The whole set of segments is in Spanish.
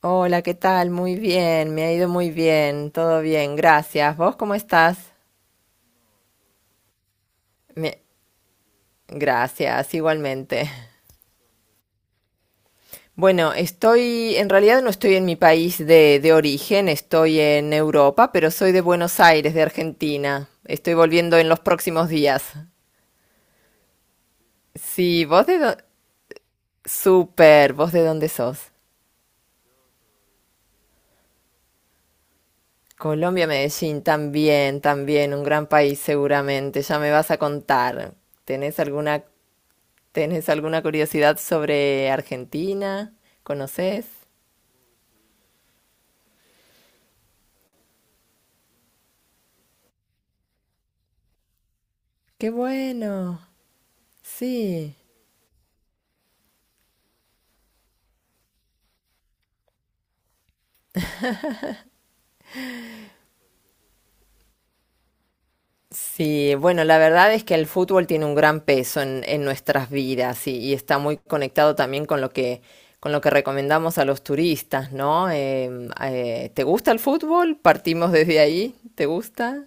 Hola, ¿qué tal? Muy bien, me ha ido muy bien, todo bien, gracias. ¿Vos cómo estás? Me- Gracias, igualmente. Bueno, en realidad no estoy en mi país de origen, estoy en Europa, pero soy de Buenos Aires, de Argentina. Estoy volviendo en los próximos días. Sí, vos de dónde... Súper, ¿vos de dónde sos? Colombia, Medellín, también, también, un gran país seguramente. Ya me vas a contar. ¿Tenés alguna ¿Tenés alguna curiosidad sobre Argentina? ¿Conoces? ¡Qué bueno! Sí. Sí, bueno, la verdad es que el fútbol tiene un gran peso en nuestras vidas y está muy conectado también con lo con lo que recomendamos a los turistas, ¿no? ¿Te gusta el fútbol? Partimos desde ahí. ¿Te gusta?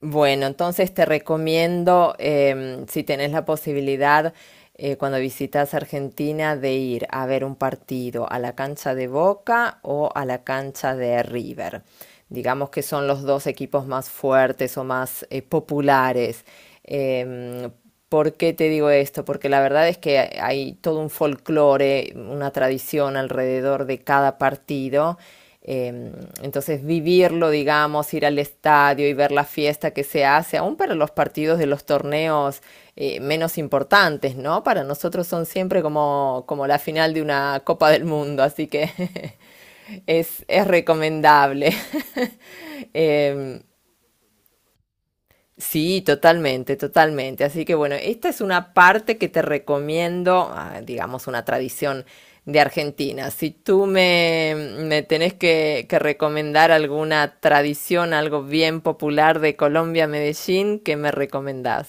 Bueno, entonces te recomiendo, si tenés la posibilidad, cuando visitas Argentina, de ir a ver un partido a la cancha de Boca o a la cancha de River. Digamos que son los dos equipos más fuertes o más populares. ¿Por qué te digo esto? Porque la verdad es que hay todo un folclore, una tradición alrededor de cada partido. Eh, entonces, vivirlo, digamos, ir al estadio y ver la fiesta que se hace, aún para los partidos de los torneos menos importantes, ¿no? Para nosotros son siempre como, como la final de una Copa del Mundo, así que es recomendable. Eh, sí, totalmente, totalmente. Así que bueno, esta es una parte que te recomiendo, ah, digamos, una tradición de Argentina. Si tú me tenés que recomendar alguna tradición, algo bien popular de Colombia, Medellín, ¿qué me recomendás?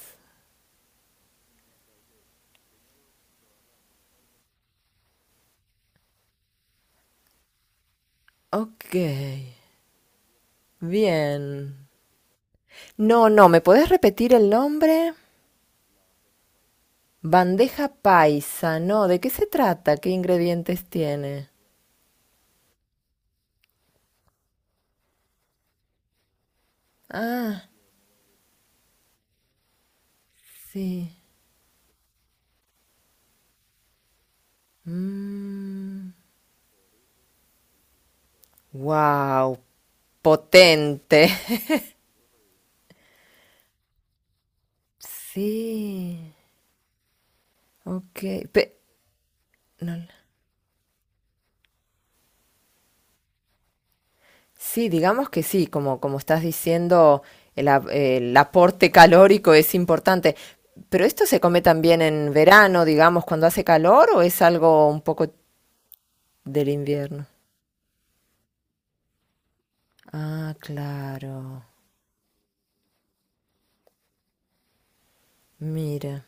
Ok, bien. No, no, ¿me podés repetir el nombre? Bandeja paisa, no, ¿de qué se trata? ¿Qué ingredientes tiene? Ah, sí. Mm. Wow, potente. Sí, ok. Pe- no, no. Sí, digamos que sí, como, como estás diciendo, el aporte calórico es importante. Pero esto se come también en verano, digamos, cuando hace calor, o es algo un poco del invierno. Ah, claro. Mira.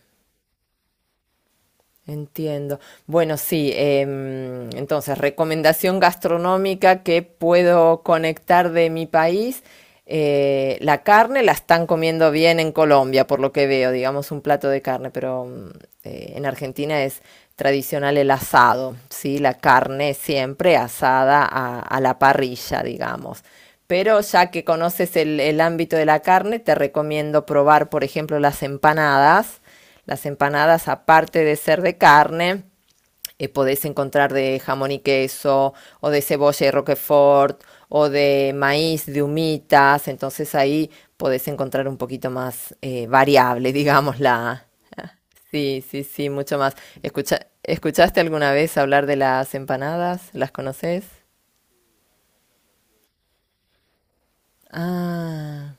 Entiendo. Bueno, sí, entonces, recomendación gastronómica que puedo conectar de mi país. La carne la están comiendo bien en Colombia, por lo que veo, digamos un plato de carne, pero en Argentina es tradicional el asado, ¿sí? La carne siempre asada a la parrilla, digamos. Pero ya que conoces el ámbito de la carne, te recomiendo probar, por ejemplo, las empanadas. Las empanadas, aparte de ser de carne, podés encontrar de jamón y queso, o de cebolla y roquefort, o de maíz, de humitas, entonces ahí podés encontrar un poquito más variable, digamos, la... Sí, sí, sí, mucho más. Escucha- ¿Escuchaste alguna vez hablar de las empanadas? ¿Las conoces? Ah,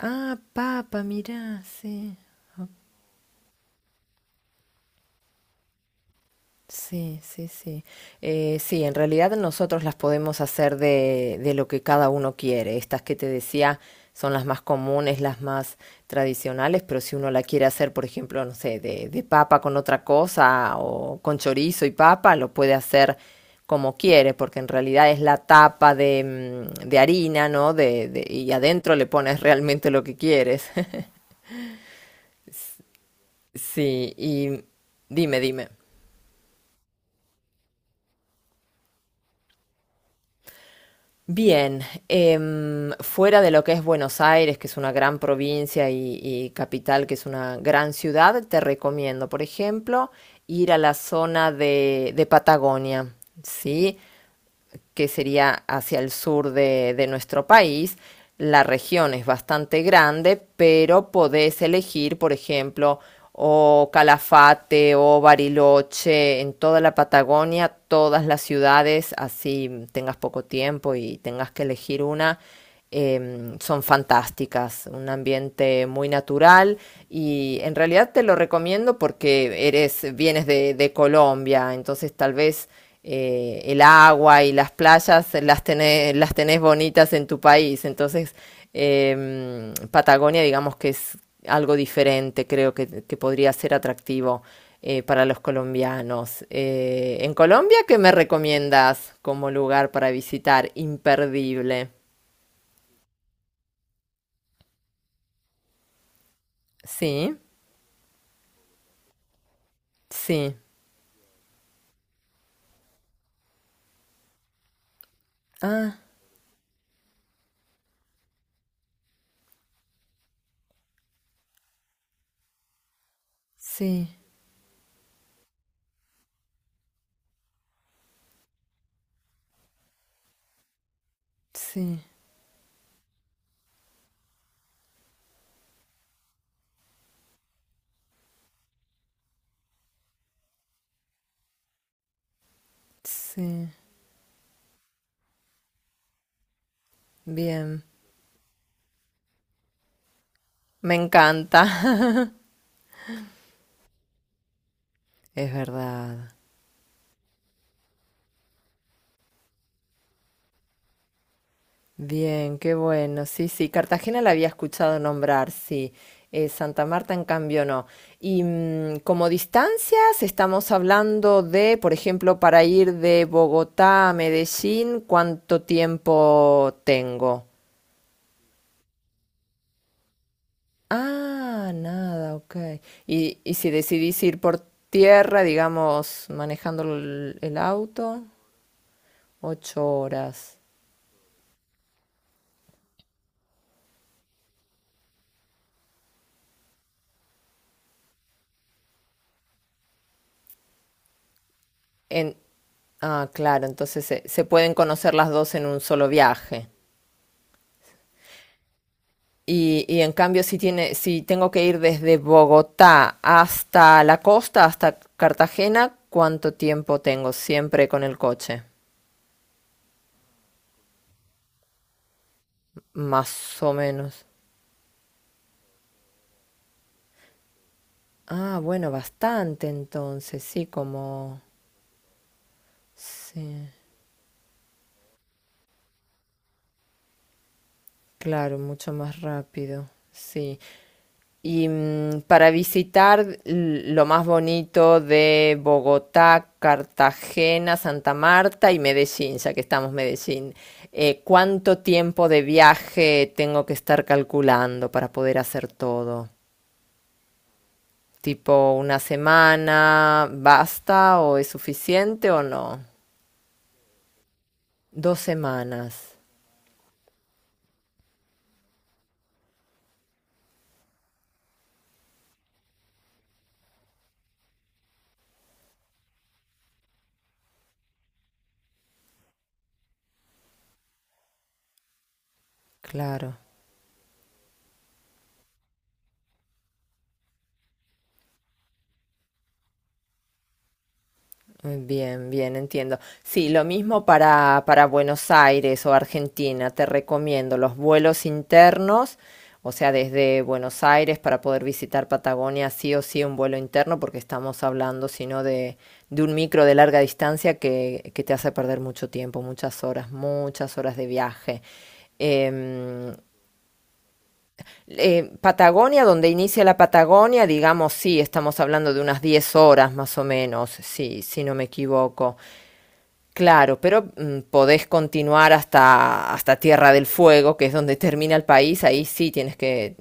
ah, papa, mirá, sí. Sí, sí, sí. Sí, en realidad nosotros las podemos hacer de lo que cada uno quiere. Estas que te decía son las más comunes, las más tradicionales, pero si uno la quiere hacer, por ejemplo, no sé, de papa con otra cosa o con chorizo y papa, lo puede hacer como quiere, porque en realidad es la tapa de, mm, de harina, ¿no? De- y adentro le pones realmente lo que quieres. Sí, y dime, dime. Bien, fuera de lo que es Buenos Aires, que es una gran provincia y capital, que es una gran ciudad, te recomiendo, por ejemplo, ir a la zona de Patagonia, ¿sí? Que sería hacia el sur de nuestro país. La región es bastante grande, pero podés elegir, por ejemplo, o Calafate o Bariloche, en toda la Patagonia, todas las ciudades, así tengas poco tiempo y tengas que elegir una, son fantásticas, un ambiente muy natural y en realidad te lo recomiendo porque eres, vienes de Colombia, entonces tal vez el agua y las playas las tenés bonitas en tu país, entonces Patagonia digamos que es algo diferente, creo que podría ser atractivo. Eh, para los colombianos. En Colombia, ¿qué me recomiendas como lugar para visitar? Imperdible. Sí, sí. Ah, sí, sí, sí. Bien. Me encanta. Es verdad. Bien, qué bueno. Sí, sí. Cartagena la había escuchado nombrar, sí. Santa Marta, en cambio, no. Y mm, como distancias, estamos hablando de, por ejemplo, para ir de Bogotá a Medellín, ¿cuánto tiempo tengo? Ah, nada, ok. Y si decidís ir por tierra, digamos, manejando el auto, 8 horas. En, ah, claro, entonces se pueden conocer las dos en un solo viaje. Y en cambio, si tiene, si tengo que ir desde Bogotá hasta la costa, hasta Cartagena, ¿cuánto tiempo tengo siempre con el coche? Más o menos. Ah, bueno, bastante entonces, sí, como... Sí. Claro, mucho más rápido, sí. Y mm, para visitar l- lo más bonito de Bogotá, Cartagena, Santa Marta y Medellín, ya que estamos en Medellín, ¿cuánto tiempo de viaje tengo que estar calculando para poder hacer todo? ¿Tipo una semana basta o es suficiente o no? 2 semanas, claro. Bien, bien, entiendo. Sí, lo mismo para Buenos Aires o Argentina. Te recomiendo los vuelos internos, o sea, desde Buenos Aires para poder visitar Patagonia, sí o sí un vuelo interno, porque estamos hablando, si no, de un micro de larga distancia que te hace perder mucho tiempo, muchas horas de viaje. Em, Patagonia, donde inicia la Patagonia, digamos, sí, estamos hablando de unas 10 horas más o menos, sí, si no me equivoco. Claro, pero mm, podés continuar hasta, hasta Tierra del Fuego, que es donde termina el país. Ahí sí tienes que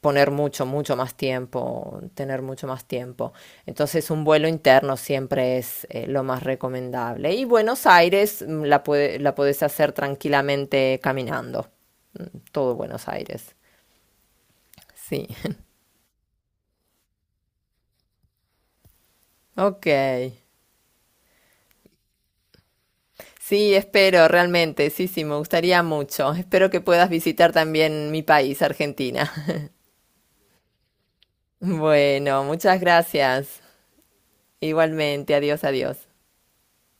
poner mucho, mucho más tiempo, tener mucho más tiempo. Entonces un vuelo interno siempre es lo más recomendable. Y Buenos Aires mm, la, puede- la podés hacer tranquilamente caminando. Todo Buenos Aires. Sí. Ok. Sí, espero, realmente. Sí, sí, me gustaría mucho. Espero que puedas visitar también mi país, Argentina. Bueno, muchas gracias. Igualmente, adiós, adiós.